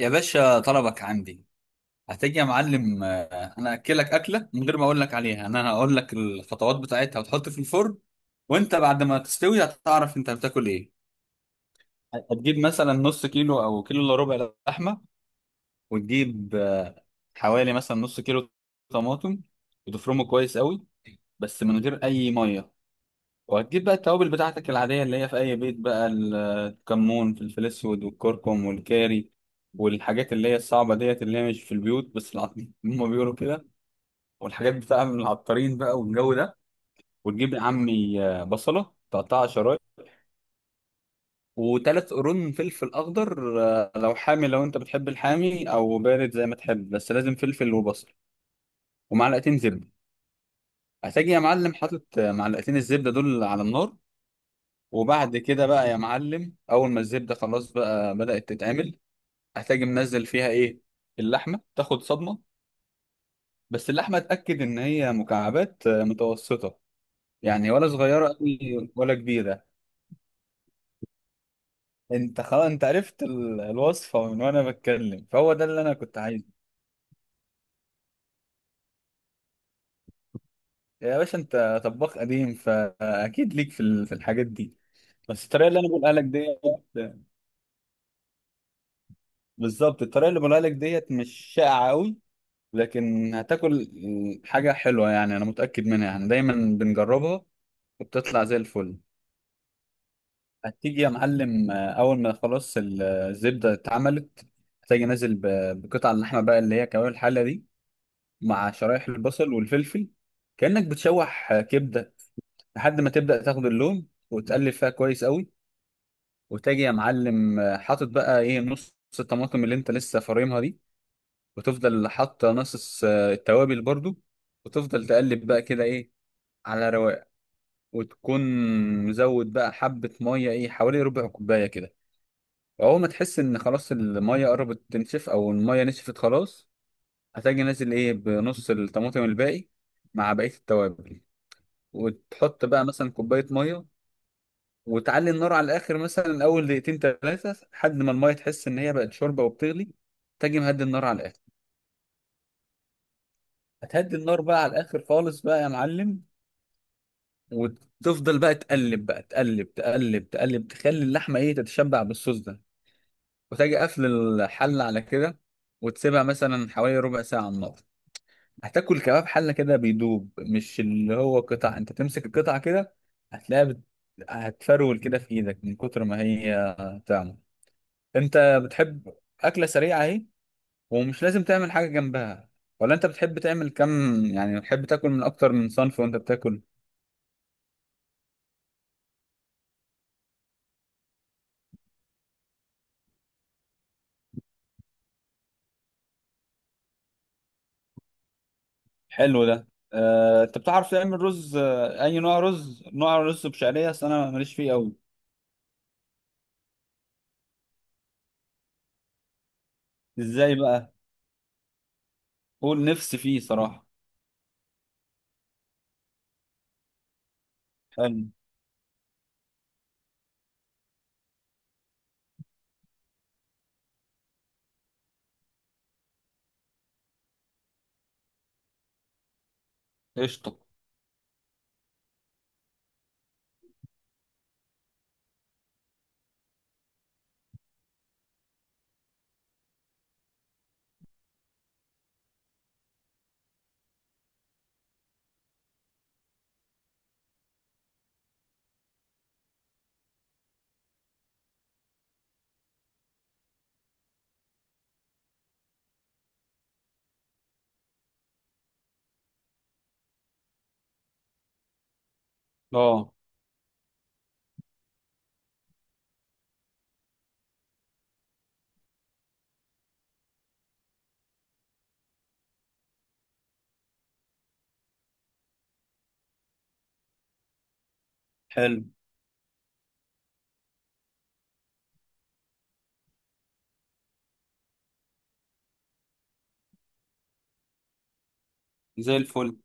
يا باشا، طلبك عندي. هتيجي يا معلم. انا اكلك اكله من غير ما اقول لك عليها. انا هقول لك الخطوات بتاعتها وتحط في الفرن، وانت بعد ما تستوي هتعرف انت بتاكل ايه. هتجيب مثلا نص كيلو او كيلو الا ربع لحمه، وتجيب حوالي مثلا نص كيلو طماطم، وتفرمه كويس قوي بس من غير اي ميه. وهتجيب بقى التوابل بتاعتك العادية اللي هي في أي بيت بقى: الكمون، فلفل أسود، والكركم، والكاري، والحاجات اللي هي الصعبة ديت اللي هي مش في البيوت بس العطارين هما بيقولوا كده، والحاجات بتاع من العطارين بقى والجو ده. وتجيب يا عمي بصلة تقطعها شرايح، وتلات قرون فلفل أخضر، لو حامي لو أنت بتحب الحامي أو بارد زي ما تحب، بس لازم فلفل وبصل، ومعلقتين زبدة. هتجي يا معلم حاطط معلقتين الزبدة دول على النار، وبعد كده بقى يا معلم اول ما الزبده خلاص بقى بدات تتعمل، هتجي منزل فيها ايه؟ اللحمه تاخد صدمه، بس اللحمه اتاكد ان هي مكعبات متوسطه، يعني ولا صغيره قوي ولا كبيره. انت خلاص انت عرفت الوصفه من وانا بتكلم، فهو ده اللي انا كنت عايزه. يا باشا انت طباخ قديم فاكيد ليك في الحاجات دي. بس الطريقه اللي انا بقولها لك ديت، بالظبط الطريقه اللي بقولها لك ديت مش شائعه قوي، لكن هتاكل حاجة حلوة. يعني أنا متأكد منها، يعني دايما بنجربها وبتطلع زي الفل. هتيجي يا معلم، أول ما خلاص الزبدة اتعملت، هتيجي نازل بقطع اللحمة بقى اللي هي كوارع الحلة دي، مع شرايح البصل والفلفل، كأنك بتشوح كبدة، لحد ما تبدأ تاخد اللون وتقلب فيها كويس قوي. وتاجي يا معلم حاطط بقى إيه، نص الطماطم اللي أنت لسه فارمها دي، وتفضل حاطة نص التوابل برضو، وتفضل تقلب بقى كده إيه، على رواق، وتكون مزود بقى حبة مية، ايه، حوالي ربع كوباية كده. اول ما تحس ان خلاص المية قربت تنشف او المية نشفت خلاص، هتجي نازل ايه بنص الطماطم الباقي مع بقية التوابل، وتحط بقى مثلا كوباية مية، وتعلي النار على الاخر مثلا اول دقيقتين ثلاثة، لحد ما المية تحس ان هي بقت شوربة وبتغلي. تجي مهدي النار على الاخر. هتهدي النار بقى على الاخر خالص بقى يا معلم، وتفضل بقى تقلب بقى، تقلب تقلب تقلب، تخلي اللحمة ايه، تتشبع بالصوص ده. وتجي قافل الحلة على كده، وتسيبها مثلا حوالي ربع ساعة على النار. هتاكل كباب حلة كده بيدوب، مش اللي هو قطع انت تمسك القطعة كده، هتلاقيها هتفرول كده في ايدك من كتر ما هي تعمل. انت بتحب أكلة سريعة اهي، ومش لازم تعمل حاجة جنبها، ولا انت بتحب تعمل كم، يعني بتحب تاكل من اكتر من صنف وانت بتاكل؟ حلو ده. انت بتعرف تعمل رز؟ اي نوع رز بشعرية، اصل انا ماليش فيه قوي. ازاي بقى؟ قول، نفسي فيه صراحة. حلو. قشطة. اه، حلو. زي الفل.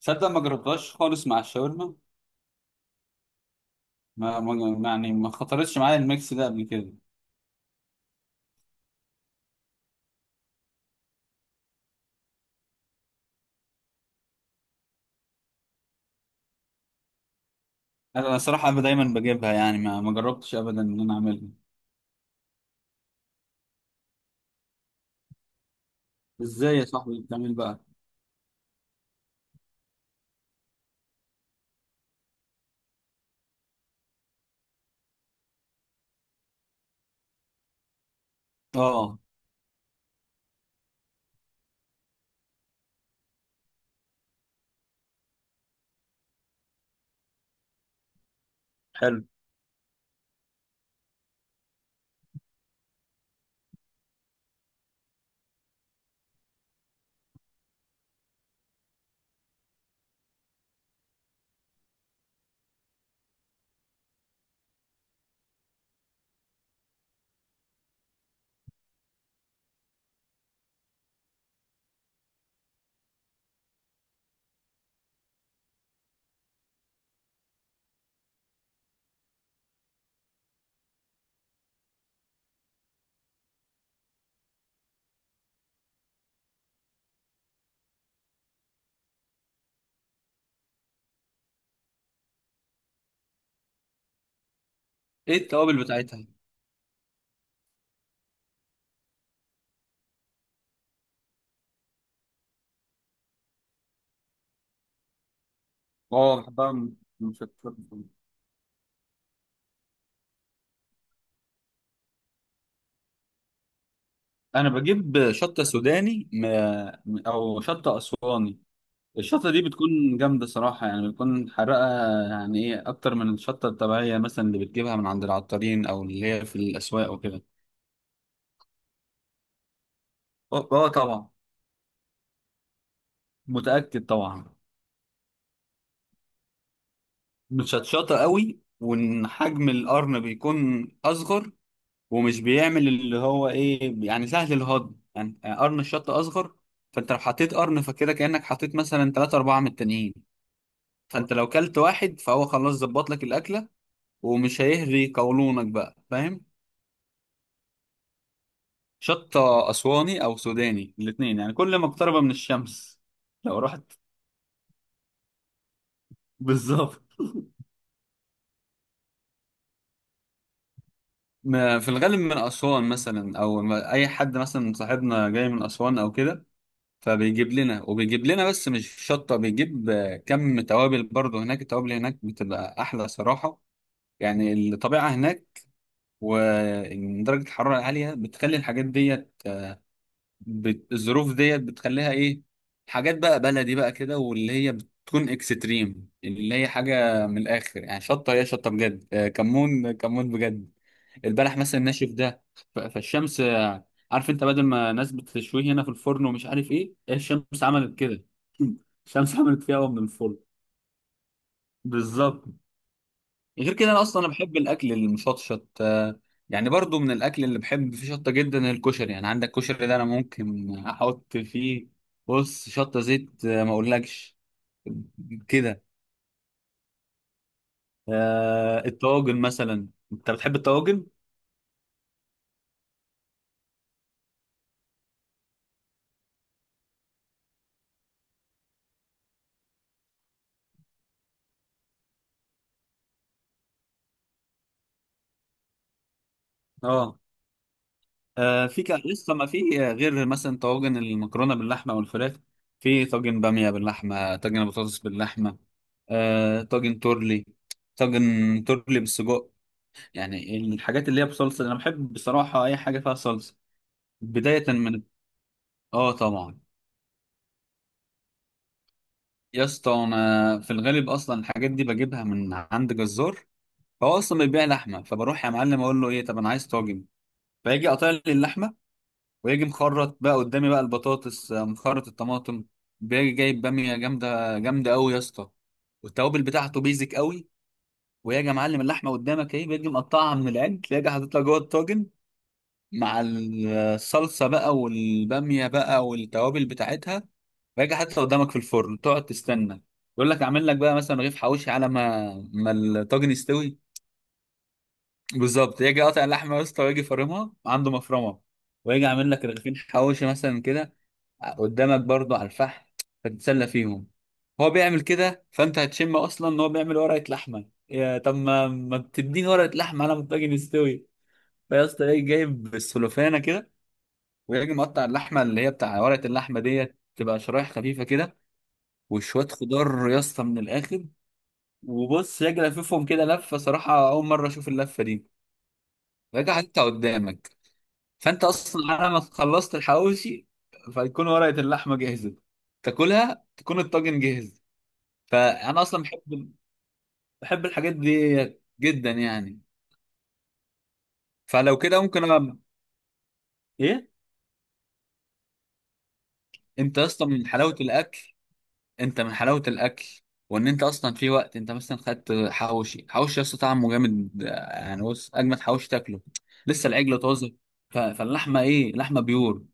تصدق ما جربتهاش خالص مع الشاورما. يعني ما خطرتش معايا الميكس ده قبل كده. انا صراحة أبقى دايما بجيبها، يعني ما ما جربتش ابدا ان انا اعملها. ازاي يا صاحبي بتعمل بقى؟ اه. حلو. ايه التوابل بتاعتها؟ اه بحبها مشطشطة. انا بجيب شطة سوداني، او شطة اسواني. الشطة دي بتكون جامدة صراحة، يعني بتكون حرقة، يعني ايه أكتر من الشطة الطبيعية مثلا اللي بتجيبها من عند العطارين أو اللي هي في الأسواق وكده. اه. آه طبعا. متأكد طبعا. متشطشطة قوي، وإن حجم القرن بيكون أصغر، ومش بيعمل اللي هو ايه، يعني سهل الهضم، يعني قرن الشطة أصغر، فأنت لو حطيت قرن فكده كأنك حطيت مثلا تلاتة أربعة من التانيين، فأنت لو كلت واحد فهو خلاص ظبط لك الأكلة، ومش هيهري قولونك بقى، فاهم. شط أسواني أو سوداني، الاتنين يعني كل ما اقترب من الشمس. لو رحت بالظبط. في الغالب من أسوان مثلا، أو أي حد مثلا صاحبنا جاي من أسوان أو كده فبيجيب لنا، وبيجيب لنا بس مش شطة، بيجيب كم توابل برضه، هناك التوابل هناك بتبقى أحلى صراحة، يعني الطبيعة هناك ودرجة الحرارة عالية بتخلي الحاجات دي الظروف ديت بتخليها ايه، حاجات بقى بلدي بقى كده، واللي هي بتكون اكستريم، اللي هي حاجه من الاخر، يعني شطه هي شطه بجد، كمون كمون بجد. البلح مثلا ناشف ده فالشمس عارف، انت بدل ما ناس بتشويه هنا في الفرن ومش عارف ايه، الشمس عملت كده. الشمس عملت فيها قوي من الفرن. بالظبط. غير كده انا اصلا انا بحب الاكل المشطشط. يعني برضو من الاكل اللي بحب فيه شطه جدا الكشري، يعني عندك كشري ده انا ممكن احط فيه، بص، شطه زيت ما اقولكش كده. الطواجن مثلا، انت بتحب الطواجن؟ اه. في لسه ما في غير مثلا طواجن المكرونه باللحمه والفراخ، في طاجن باميه باللحمه، طاجن بطاطس باللحمه، طاجن تورلي، طاجن تورلي بالسجق، يعني الحاجات اللي هي بصلصه، انا بحب بصراحه اي حاجه فيها صلصه. بدايه من، اه طبعا. يا اسطى انا في الغالب اصلا الحاجات دي بجيبها من عند جزار، هو اصلا بيبيع لحمه، فبروح يا معلم اقول له ايه، طب انا عايز طاجن، فيجي قاطع لي اللحمه، ويجي مخرط بقى قدامي بقى البطاطس، مخرط الطماطم، بيجي جايب باميه جامده جامده قوي يا اسطى، والتوابل بتاعته بيزك قوي، ويجي يا معلم اللحمه قدامك اهي، بيجي مقطعها من العجل، يجي حاططها جوه الطاجن مع الصلصة بقى والبامية بقى والتوابل بتاعتها، راجع حتى قدامك في الفرن، تقعد تستنى. يقول لك اعمل لك بقى مثلا رغيف حواوشي على ما ما الطاجن يستوي، بالظبط، يجي قاطع اللحمه يا اسطى، ويجي فرمها عنده مفرمه، ويجي عامل لك رغيفين حواوشي مثلا كده قدامك برضو على الفحم، فتتسلى فيهم. هو بيعمل كده فانت هتشم اصلا ان هو بيعمل ورقه لحمه، يا طب، ما ما تديني ورقه لحمه على ما الطاجن يستوي. فيا اسطى ايه، جايب السلوفانه كده، ويجي مقطع اللحمه اللي هي بتاع ورقه اللحمه ديت، تبقى شرايح خفيفه كده، وشويه خضار يا اسطى من الاخر، وبص يجي لففهم كده لفه، صراحه اول مره اشوف اللفه دي، راجع انت قدامك، فانت اصلا على ما خلصت الحواوشي فيكون ورقه اللحمه جاهزه، تاكلها، تكون الطاجن جاهز. فانا اصلا بحب الحاجات دي جدا يعني، فلو كده ممكن ايه. انت اصلا من حلاوه الاكل، انت من حلاوه الاكل، وان انت اصلا في وقت انت مثلا خدت حواوشي، حواوشي اصلا طعمه جامد يعني، بص اجمد حواوشي تاكله لسه العجل طازه، فاللحمه ايه، لحمه بيور،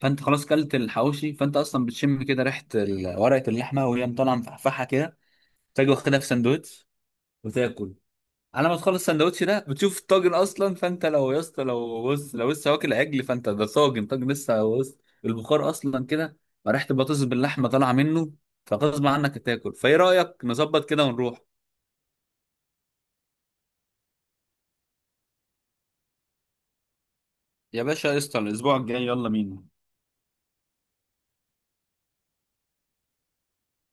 فانت خلاص كلت الحواوشي، فانت اصلا بتشم كده ريحه ورقه اللحمه وهي مطالعه مفحفحه كده، تاجي واخدها في سندوتش وتاكل، على ما تخلص السندوتش ده بتشوف الطاجن اصلا، فانت لو يا اسطى لو بص لو لسه واكل عجل فانت ده طاجن، طاجن لسه، بص البخار اصلا كده، ريحه البطاطس باللحمه طالعه منه، فغصب عنك هتاكل. فايه رايك نظبط كده ونروح؟ يا باشا قشطة، الأسبوع الجاي يلا بينا.